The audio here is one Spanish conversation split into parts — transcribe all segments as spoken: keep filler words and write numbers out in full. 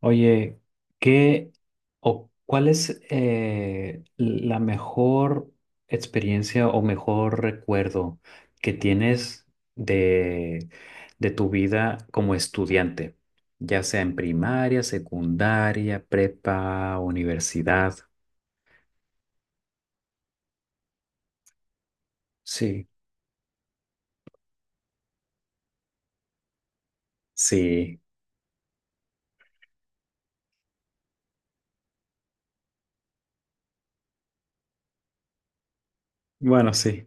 Oye, ¿qué o cuál es eh, la mejor experiencia o mejor recuerdo que tienes de, de tu vida como estudiante? Ya sea en primaria, secundaria, prepa, universidad. Sí, sí. Bueno, sí.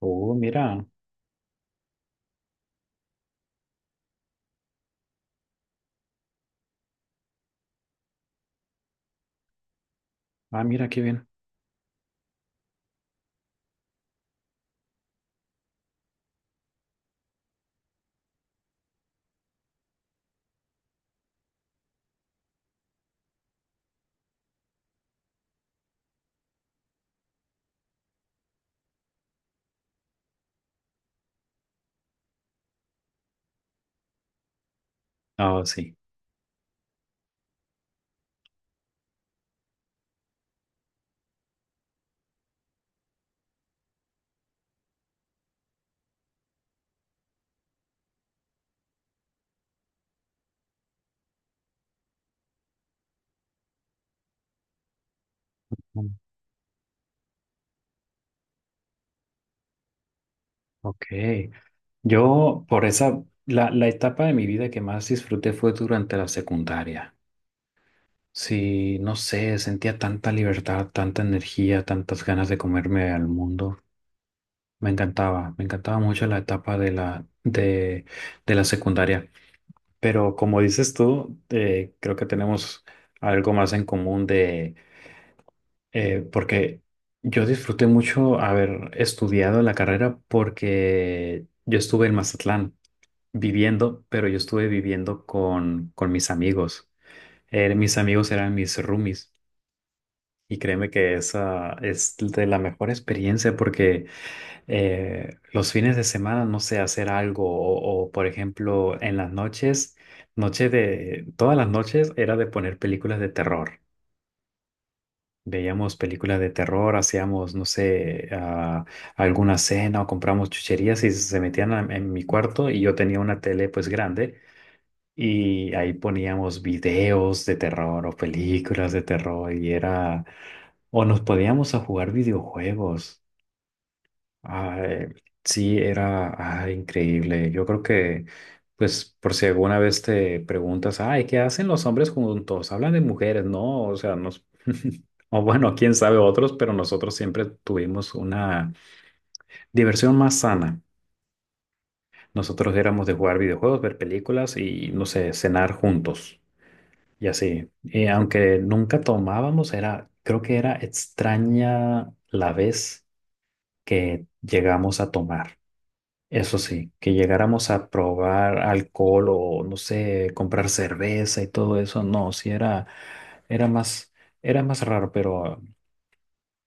Oh, mira. Ah, mira qué bien. Oh, sí. Mm. Ok. Yo, por esa, la, la etapa de mi vida que más disfruté fue durante la secundaria. Sí, no sé, sentía tanta libertad, tanta energía, tantas ganas de comerme al mundo. Me encantaba, me encantaba mucho la etapa de la, de, de, la secundaria. Pero como dices tú, eh, creo que tenemos algo más en común de, eh, porque yo disfruté mucho haber estudiado la carrera porque yo estuve en Mazatlán viviendo, pero yo estuve viviendo con, con mis amigos. Eh, mis amigos eran mis roomies. Y créeme que esa es de la mejor experiencia porque eh, los fines de semana, no sé, hacer algo o, o, por ejemplo, en las noches, noche de, todas las noches era de poner películas de terror. Veíamos películas de terror, hacíamos, no sé, ah, alguna cena o compramos chucherías y se metían a- en mi cuarto y yo tenía una tele pues grande. Y ahí poníamos videos de terror o películas de terror y era... O nos podíamos a jugar videojuegos. Ay, sí, era ay, increíble. Yo creo que, pues, por si alguna vez te preguntas, ay, ¿qué hacen los hombres juntos? Hablan de mujeres, ¿no? O sea, nos... O bueno, quién sabe otros, pero nosotros siempre tuvimos una diversión más sana. Nosotros éramos de jugar videojuegos, ver películas y, no sé, cenar juntos. Y así, y aunque nunca tomábamos, era, creo que era extraña la vez que llegamos a tomar. Eso sí, que llegáramos a probar alcohol o no sé, comprar cerveza y todo eso, no, sí era, era más, era más raro, pero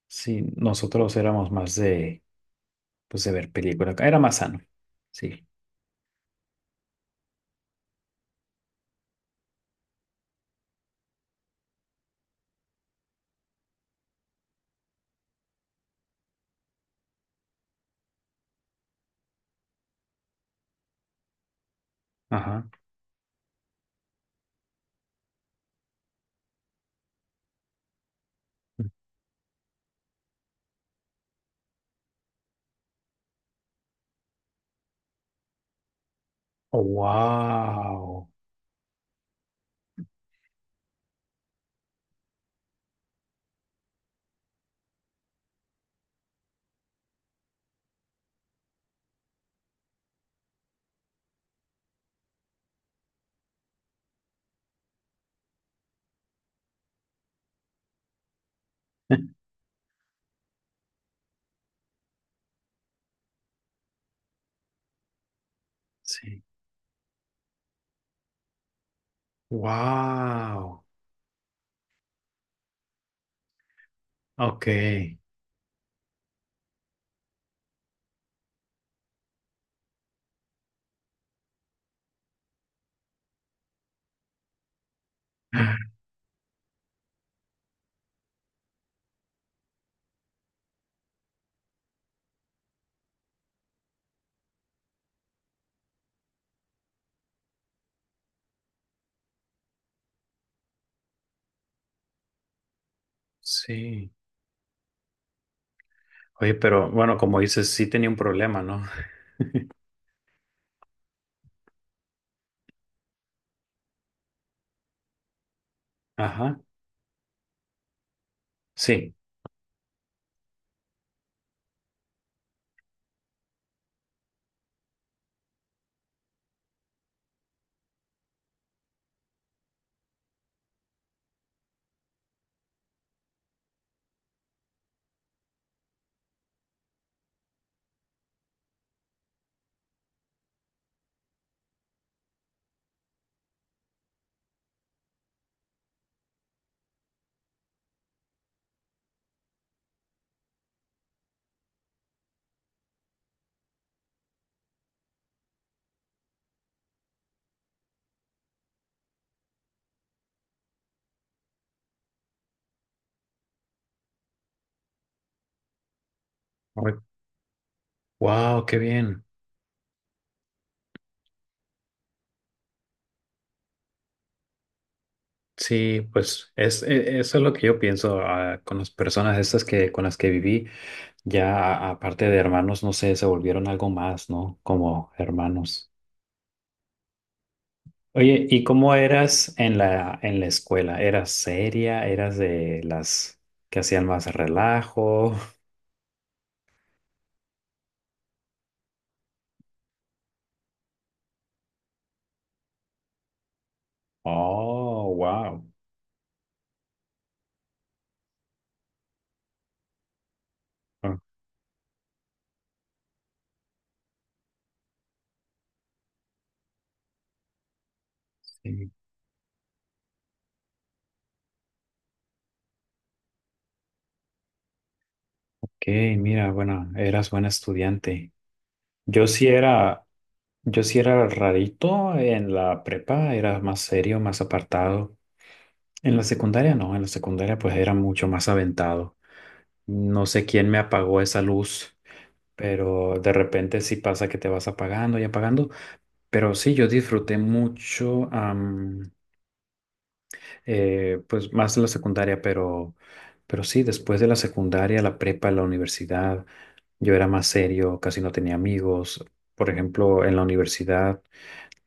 sí, nosotros éramos más de, pues de ver películas, era más sano, sí, ajá. Wow. Sí, wow, ok. Sí. Oye, pero bueno, como dices, sí tenía un problema, ¿no? Ajá. Sí. Wow, qué bien. Sí, pues es, e- eso es lo que yo pienso ah, con las personas estas que con las que viví, ya a- aparte de hermanos, no sé, se volvieron algo más, ¿no? Como hermanos. Oye, ¿y cómo eras en la en la escuela? ¿Eras seria? ¿Eras de las que hacían más relajo? Oh, wow. Ok, mira, bueno, eras buen estudiante. Yo sí era, yo sí era rarito en la prepa, era más serio, más apartado. En la secundaria no, en la secundaria pues era mucho más aventado. No sé quién me apagó esa luz, pero de repente sí pasa que te vas apagando y apagando. Pero sí, yo disfruté mucho, eh, pues más de la secundaria, pero, pero sí, después de la secundaria, la prepa, la universidad, yo era más serio, casi no tenía amigos. Por ejemplo, en la universidad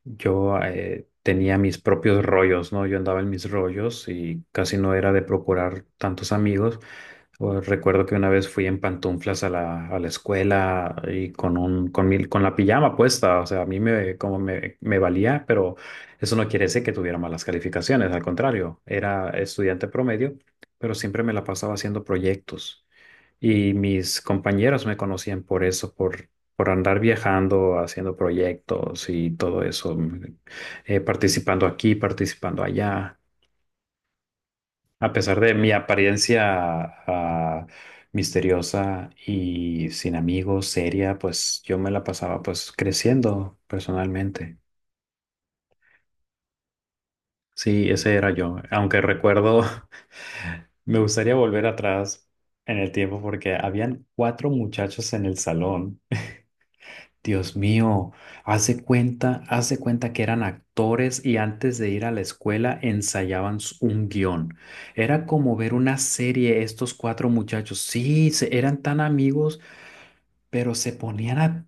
yo eh, tenía mis propios rollos, ¿no? Yo andaba en mis rollos y casi no era de procurar tantos amigos. O recuerdo que una vez fui en pantuflas a la, a la escuela y con un, con mi- con la pijama puesta. O sea, a mí me, como me, me valía, pero eso no quiere decir que tuviera malas calificaciones. Al contrario, era estudiante promedio, pero siempre me la pasaba haciendo proyectos. Y mis compañeros me conocían por eso, por, por andar viajando, haciendo proyectos y todo eso, mm, eh, participando aquí, participando allá. A pesar de mi apariencia ah, misteriosa y sin amigos, seria, pues yo me la pasaba pues creciendo personalmente. Sí, ese era yo. Aunque recuerdo, me gustaría volver atrás en el tiempo porque habían cuatro muchachos en el salón. Dios mío, hace cuenta, hace cuenta que eran actores y antes de ir a la escuela ensayaban s- un guión. Era como ver una serie, estos cuatro muchachos. Sí, se- eran tan amigos, pero se ponían a,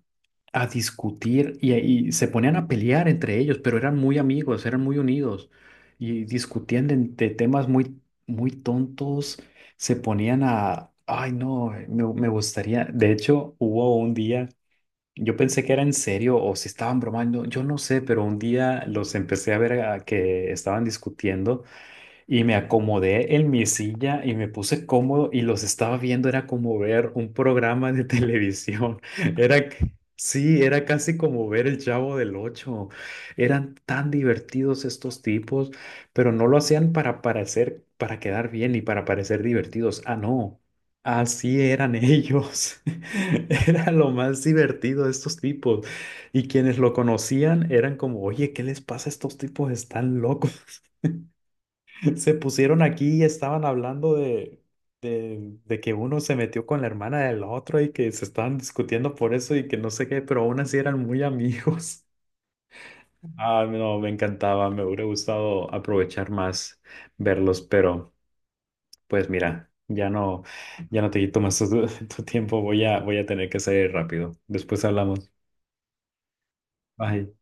a discutir y, y se ponían a pelear entre ellos, pero eran muy amigos, eran muy unidos y discutían de, de temas muy, muy tontos. Se ponían a, ay no, me me gustaría, de hecho, hubo un día yo pensé que era en serio o si estaban bromando, yo no sé, pero un día los empecé a ver a que estaban discutiendo. Y me acomodé en mi silla y me puse cómodo y los estaba viendo, era como ver un programa de televisión. Era, c- sí, era casi como ver El Chavo del Ocho. Eran tan divertidos estos tipos, pero no lo hacían para parecer, para quedar bien y para parecer divertidos. Ah, no. Así eran ellos. Era lo más divertido de estos tipos. Y quienes lo conocían eran como, oye, ¿qué les pasa a estos tipos? Están locos. Se pusieron aquí y estaban hablando de, de, de que uno se metió con la hermana del otro y que se estaban discutiendo por eso y que no sé qué, pero aún así eran muy amigos. Ah, no, me encantaba, me hubiera gustado aprovechar más verlos, pero pues mira, ya no, ya no te quito más tu, tu tiempo, voy a, voy a tener que salir rápido. Después hablamos. Bye.